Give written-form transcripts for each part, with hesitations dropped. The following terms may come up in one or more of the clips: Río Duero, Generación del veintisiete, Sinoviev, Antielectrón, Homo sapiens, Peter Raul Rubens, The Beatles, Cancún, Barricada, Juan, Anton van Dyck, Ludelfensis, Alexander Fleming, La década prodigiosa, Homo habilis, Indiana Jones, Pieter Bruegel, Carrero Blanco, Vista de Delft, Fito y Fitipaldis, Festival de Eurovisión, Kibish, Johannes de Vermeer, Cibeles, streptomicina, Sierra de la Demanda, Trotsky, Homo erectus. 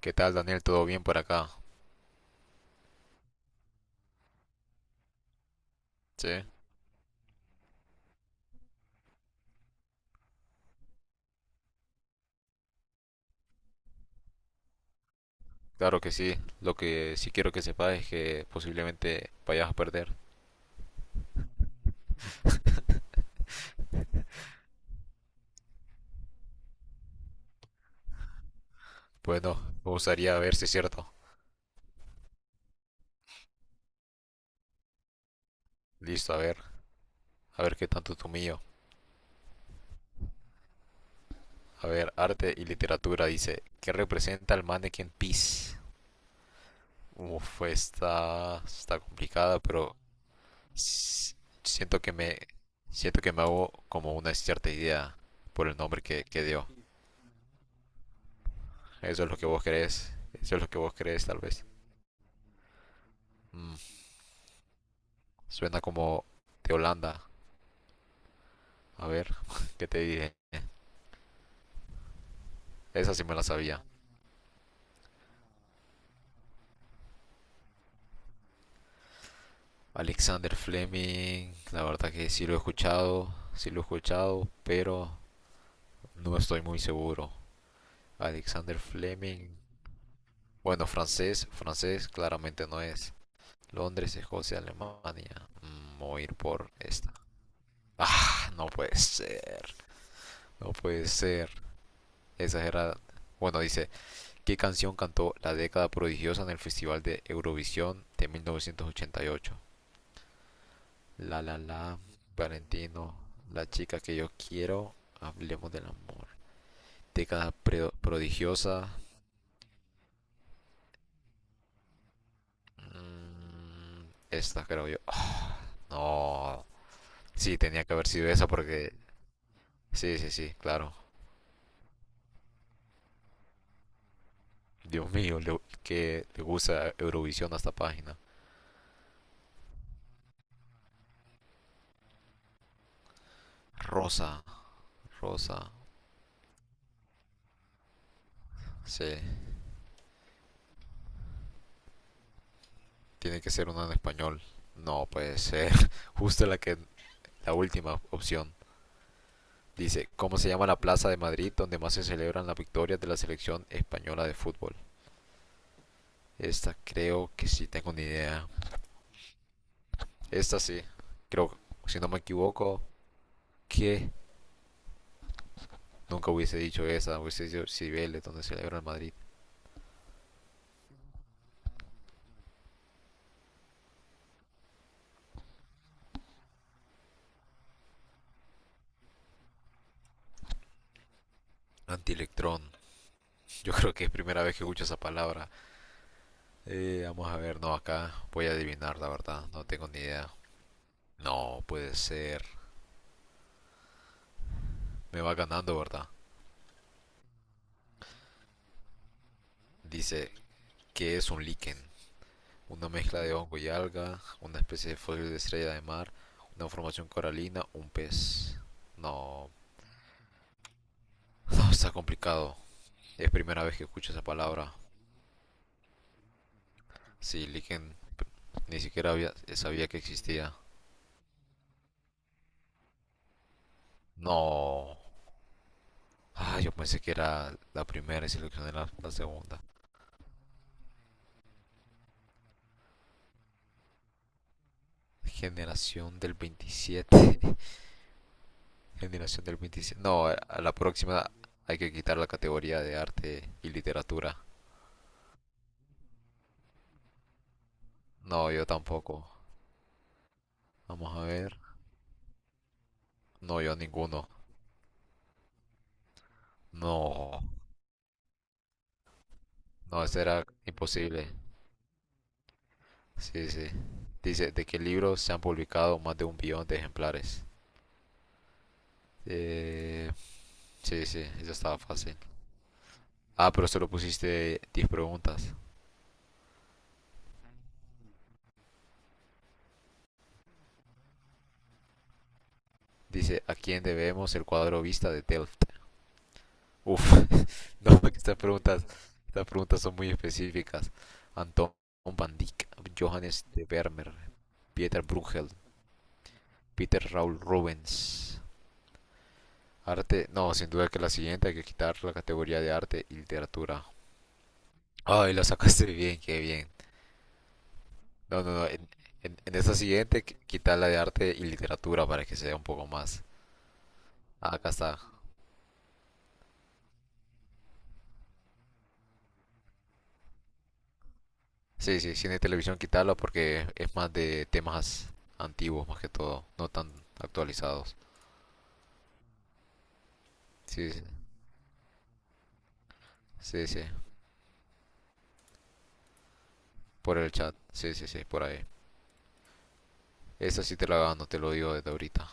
¿Qué tal, Daniel? ¿Todo bien por acá? Sí, claro que sí. Lo que sí quiero que sepas es que posiblemente vayas a perder. Bueno, me gustaría ver si es cierto. Listo, a ver. A ver qué tanto tú mío. A ver, arte y literatura dice, ¿qué representa el Mannequin Peace? Uf, está complicada, pero s- siento que me hago como una cierta idea por el nombre que dio. Eso es lo que vos crees. Eso es lo que vos crees, tal vez. Mm, Suena como de Holanda. A ver, ¿qué te dije? Esa sí me la sabía. Alexander Fleming, la verdad que sí lo he escuchado, sí lo he escuchado, pero no estoy muy seguro. Alexander Fleming, bueno, francés, francés claramente no es. Londres, Escocia, Alemania. Voy a ir por esta. Ah, no puede ser, no puede ser. Esa era, bueno, dice, ¿qué canción cantó La década prodigiosa en el Festival de Eurovisión de 1988? La La La, Valentino, La chica que yo quiero, Hablemos del amor. Década prodigiosa. mm, esta creo yo. Ah, no. Sí, tenía que haber sido esa porque... Sí, sí, sí, claro. Dios mío, que le gusta Eurovisión a esta página. Rosa, Rosa. Sí, tiene que ser una en español. No puede ser. Justo la que La última opción dice, ¿cómo se llama la plaza de Madrid donde más se celebran las victorias de la selección española de fútbol? Esta creo que sí tengo ni idea. Esta sí, creo, si no me equivoco, que nunca hubiese dicho esa, hubiese dicho Cibeles, donde celebra el Madrid. Antielectrón, yo creo que es primera vez que escucho esa palabra. Vamos a ver, no, acá voy a adivinar, la verdad, no tengo ni idea. No, puede ser. Me va ganando, ¿verdad? Dice que es un líquen, una mezcla de hongo y alga, una especie de fósil de estrella de mar, una formación coralina, un pez. No, no, está complicado. Es primera vez que escucho esa palabra. Sí, Liken ni siquiera sabía que existía. No. Ah, yo pensé que era la primera y seleccioné la segunda. Generación del 27, Generación del 27. No, a la próxima hay que quitar la categoría de arte y literatura. No, yo tampoco. Vamos a ver. No, yo ninguno. No, no, eso era imposible. Sí, sí. Dice, ¿de qué libros se han publicado más de un billón de ejemplares? Eh, sí, sí, eso estaba fácil. Ah, pero solo pusiste 10 preguntas. Dice, ¿a quién debemos el cuadro Vista de Delft? Uf, no, estas preguntas son muy específicas. Anton van Dyck, Johannes de Vermeer, Pieter Bruegel, Peter Raul Rubens. Arte, no, sin duda que la siguiente hay que quitar la categoría de arte y literatura. Ay, lo sacaste bien, qué bien. No, no, no. En esta siguiente, quita la de arte y literatura para que sea un poco más. Ah, acá está. Sí, sí, cine y televisión, quítalo porque es más de temas antiguos, más que todo. No tan actualizados. Sí, sí, sí. Sí, por el chat. Sí, sí, sí, por ahí. Esa sí te la gano, te lo digo desde ahorita.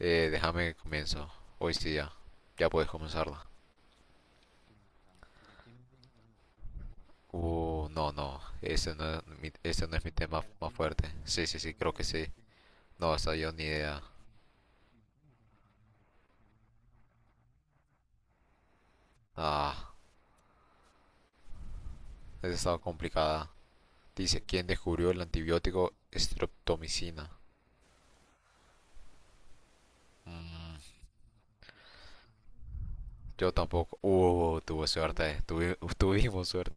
Déjame que comienzo. Hoy sí ya. Ya puedes comenzarla. No, no. Ese no es mi tema más fuerte. Sí, sí, sí, creo que sí. No, esa yo ni idea. Ah, esa estaba complicada. Dice, ¿quién descubrió el antibiótico streptomicina? Mm, yo tampoco. Tuve suerte. Tuvimos suerte.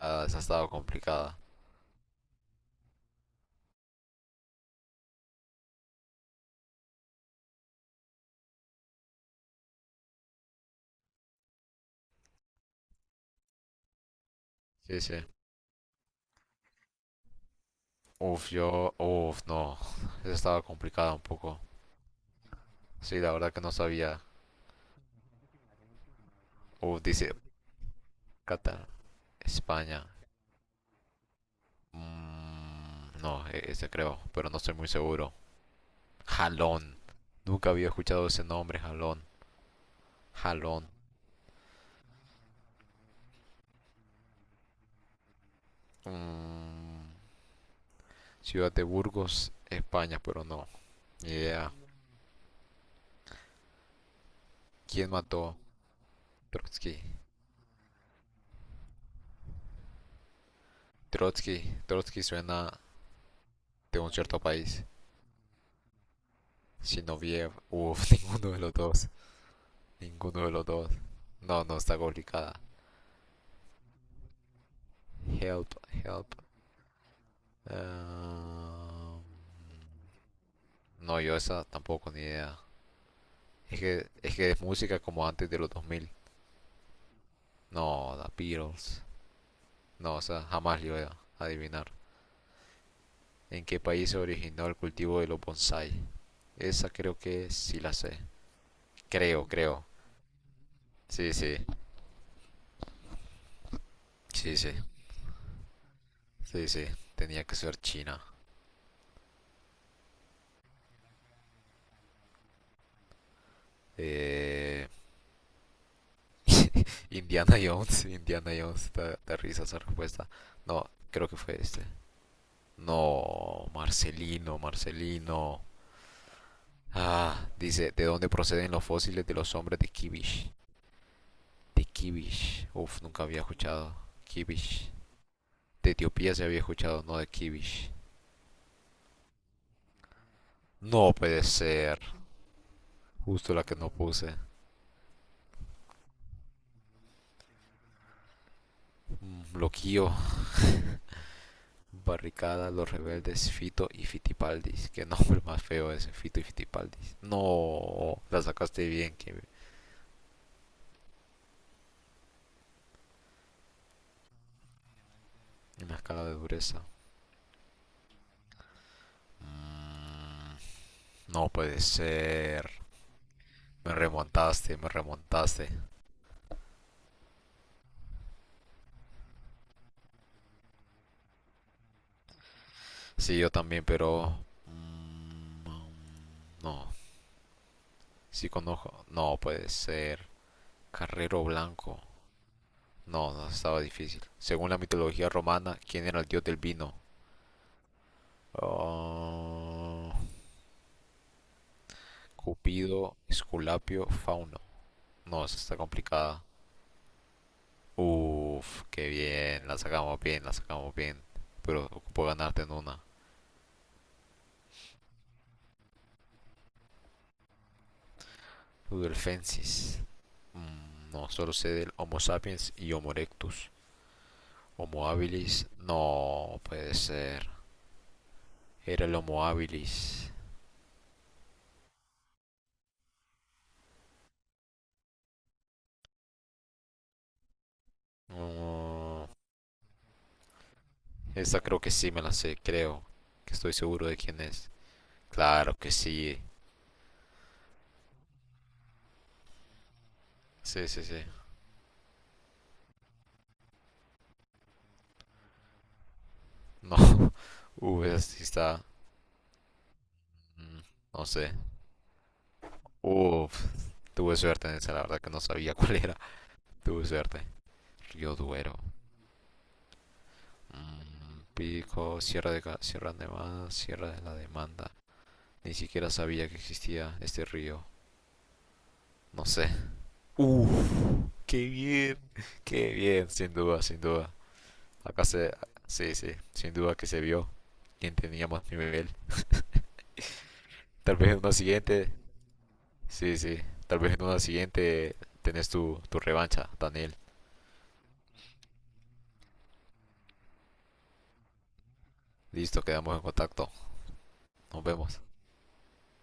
Ah, esa estaba complicada. Sí, sí. Uf, Uf, no. Esa estaba complicada un poco. Sí, la verdad que no sabía. Uf, dice Qatar, España. No, ese creo, pero no estoy muy seguro. Jalón. Nunca había escuchado ese nombre, jalón. Jalón. Mm, ciudad de Burgos, España, pero no. Ni idea. ¿Quién mató Trotsky? Trotsky. Trotsky suena de un cierto país. Sinoviev. Uf, ninguno de los dos. Ninguno de los dos. No, no, está complicada. Help, help. Ah, no, yo esa tampoco, ni idea. Es que es música como antes de los 2000. No, The Beatles. No, o sea, jamás le iba a adivinar. ¿En qué país se originó el cultivo de los bonsai? Esa creo que sí la sé. Creo, creo. Sí, sí. Sí, sí. Sí, sí. Tenía que ser China. Eh... Indiana Jones. Indiana Jones. Da risa esa respuesta. No, creo que fue este. No, Marcelino, Marcelino. Ah, dice, ¿de dónde proceden los fósiles de los hombres de Kibish? De Kibish. Uf, nunca había escuchado. Kibish. De Etiopía se había escuchado, no de Kibish. No puede ser. Justo la que no puse. Bloqueo. Barricada, los rebeldes, Fito y Fitipaldis. Qué nombre más feo ese, Fito y Fitipaldis. No, la sacaste bien, que me escala de dureza. Mm, no puede ser. Me remontaste, me remontaste. Sí, yo también, pero... mm, No, sí conozco. No puede ser. Carrero Blanco. No, no, estaba difícil. Según la mitología romana, ¿quién era el dios del vino? Ah, Cupido, Esculapio, Fauno. No, esa está complicada. Uf, qué bien, la sacamos bien, la sacamos bien. Pero ocupo ganarte en una. Ludelfensis. No, solo sé del Homo sapiens y Homo erectus. Homo habilis, no puede ser. Era el Homo habilis. No, esta creo que sí me la sé, creo. Que estoy seguro de quién es. Claro que sí. Sí, sí, sí. No. Esa sí está. mm, No sé. Uf, tuve suerte en esa, la verdad que no sabía cuál era. Tuve suerte. Río Duero. Pico, Sierra de Más, Sierra de la Demanda. Ni siquiera sabía que existía este río. No sé. Uf, qué bien. Qué bien, sin duda, sin duda. Acá se. Sí, sí, sin duda que se vio quién tenía más nivel. Tal vez en una siguiente Sí, sí. Tal vez en una siguiente tenés tu revancha, Daniel. Listo, quedamos en contacto. Nos vemos.